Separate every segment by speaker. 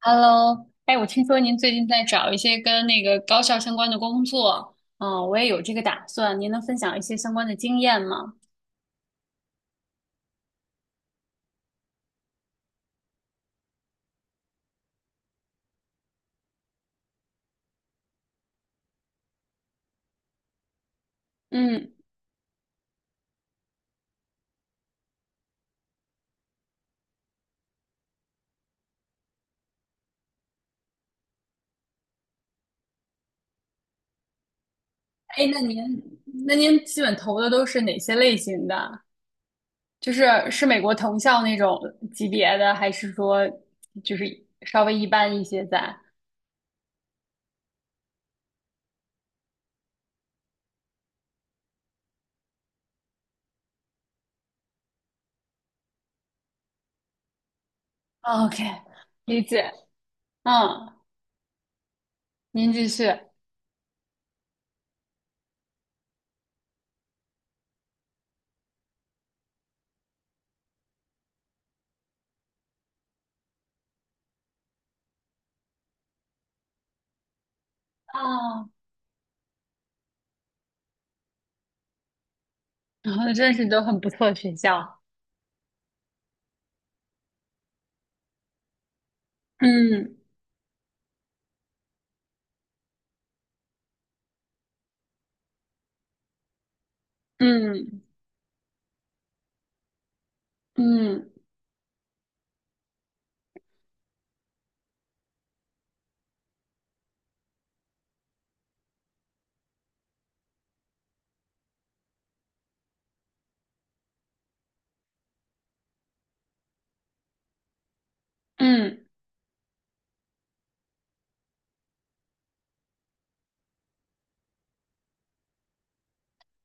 Speaker 1: Hello，哎，我听说您最近在找一些跟那个高校相关的工作，嗯，我也有这个打算，您能分享一些相关的经验吗？嗯。哎，那您基本投的都是哪些类型的？就是是美国藤校那种级别的，还是说就是稍微一般一些在？OK，理解。嗯，您继续。啊，然后真是都很不错的学校。嗯嗯嗯嗯，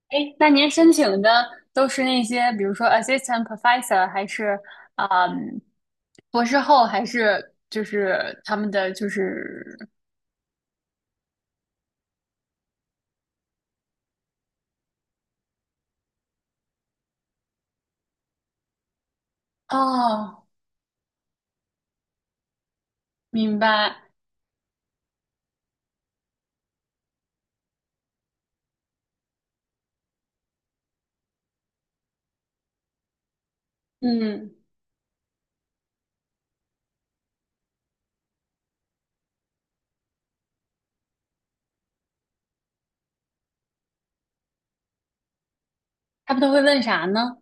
Speaker 1: 哎，那您申请的都是那些，比如说 assistant professor，还是嗯博士后，还是就是他们的就是。哦，明白。嗯，他们都会问啥呢？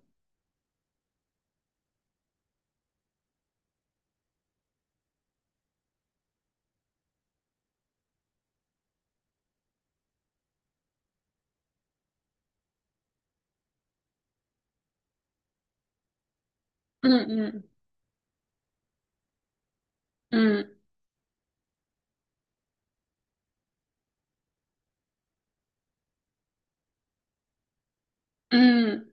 Speaker 1: 嗯嗯嗯嗯，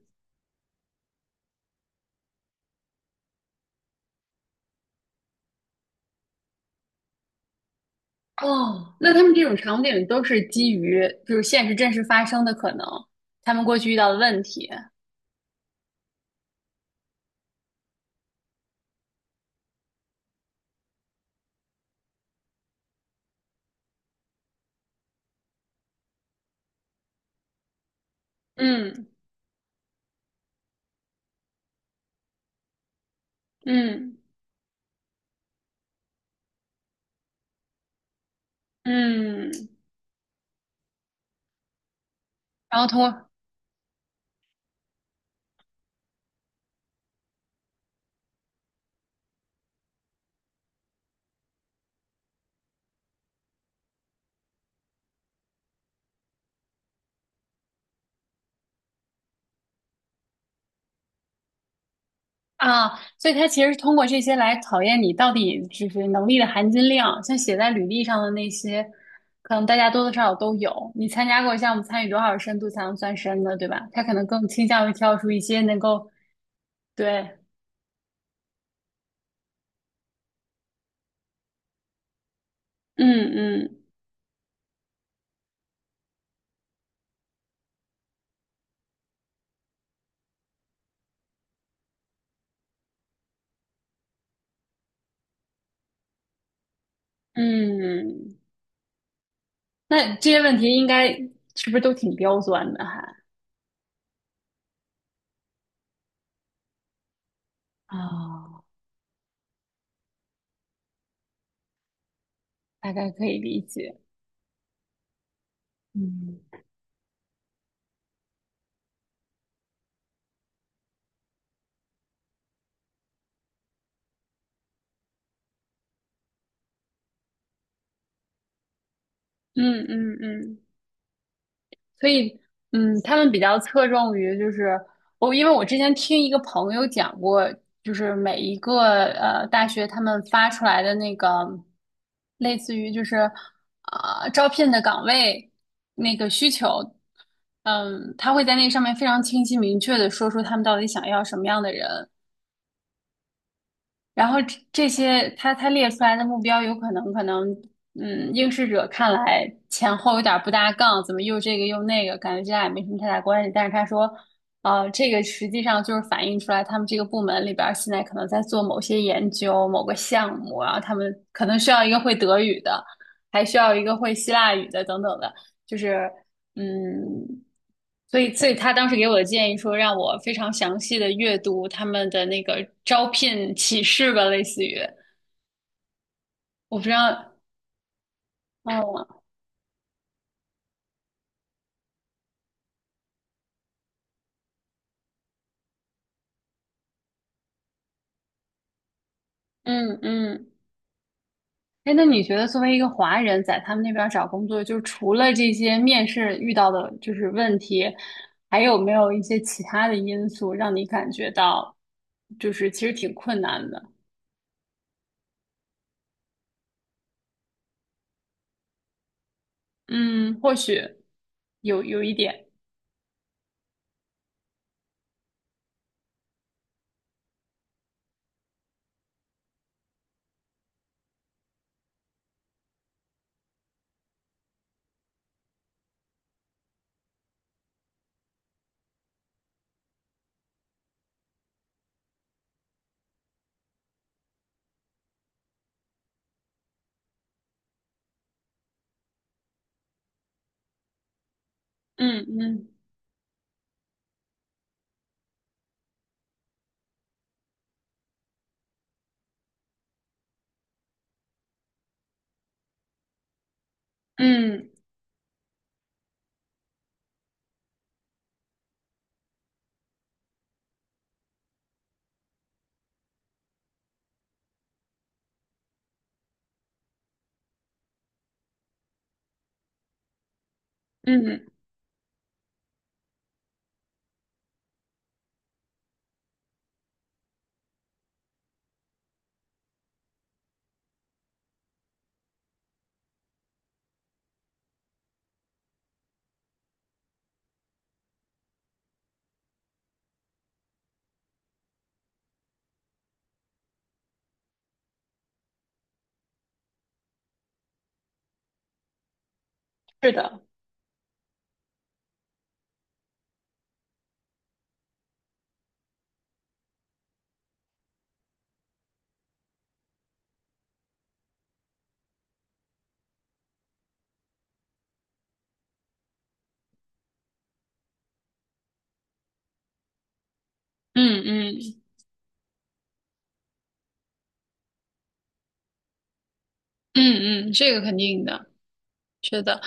Speaker 1: 哦，那他们这种场景都是基于就是现实真实发生的可能，他们过去遇到的问题。嗯嗯嗯，然后通过。啊，所以他其实是通过这些来考验你到底就是能力的含金量，像写在履历上的那些，可能大家多多少少都有。你参加过项目，参与多少深度才能算深的，对吧？他可能更倾向于挑出一些能够。对。嗯嗯嗯，那这些问题应该是不是都挺刁钻的还？啊，大概可以理解。嗯。嗯嗯嗯。所以，嗯，他们比较侧重于就是我，因为我之前听一个朋友讲过，就是每一个大学他们发出来的那个类似于就是啊、招聘的岗位那个需求，嗯，他会在那上面非常清晰明确的说出他们到底想要什么样的人，然后这些他列出来的目标，有可能，嗯，应试者看来前后有点不搭杠，怎么又这个又那个，感觉这俩也没什么太大关系。但是他说，这个实际上就是反映出来他们这个部门里边儿现在可能在做某些研究、某个项目啊，然后他们可能需要一个会德语的，还需要一个会希腊语的等等的，就是。嗯，所以所以他当时给我的建议说，让我非常详细的阅读他们的那个招聘启事吧，类似于，我不知道。哦，嗯嗯。哎，那你觉得作为一个华人，在他们那边儿找工作，就是除了这些面试遇到的就是问题，还有没有一些其他的因素让你感觉到，就是其实挺困难的？嗯，或许有一点。嗯嗯嗯嗯，是的。嗯嗯嗯嗯，这个肯定的，是的。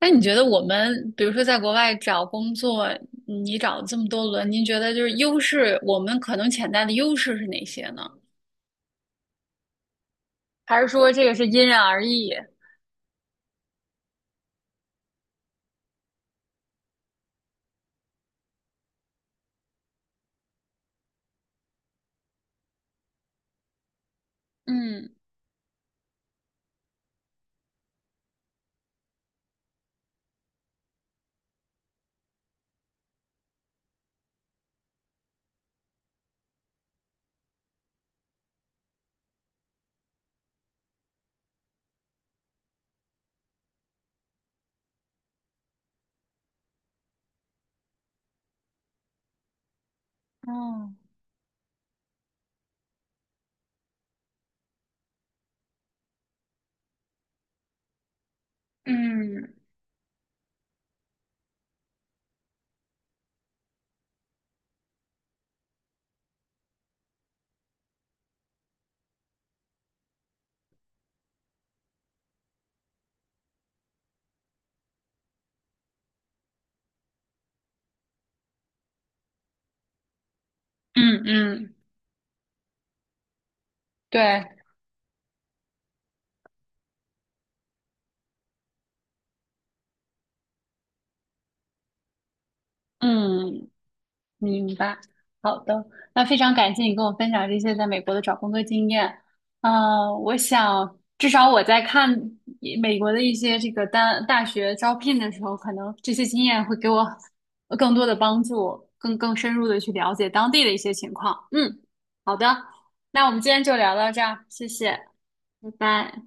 Speaker 1: 那你觉得我们，比如说在国外找工作，嗯你找这么多轮，您觉得就是优势，我们可能潜在的优势是哪些呢？还是说这个是因人而异？嗯。嗯嗯嗯嗯，对。嗯。明白，好的。那非常感谢你跟我分享这些在美国的找工作经验。我想至少我在看一美国的一些这个单大学招聘的时候，可能这些经验会给我更多的帮助，更深入的去了解当地的一些情况。嗯，好的。那我们今天就聊到这儿，谢谢，拜拜。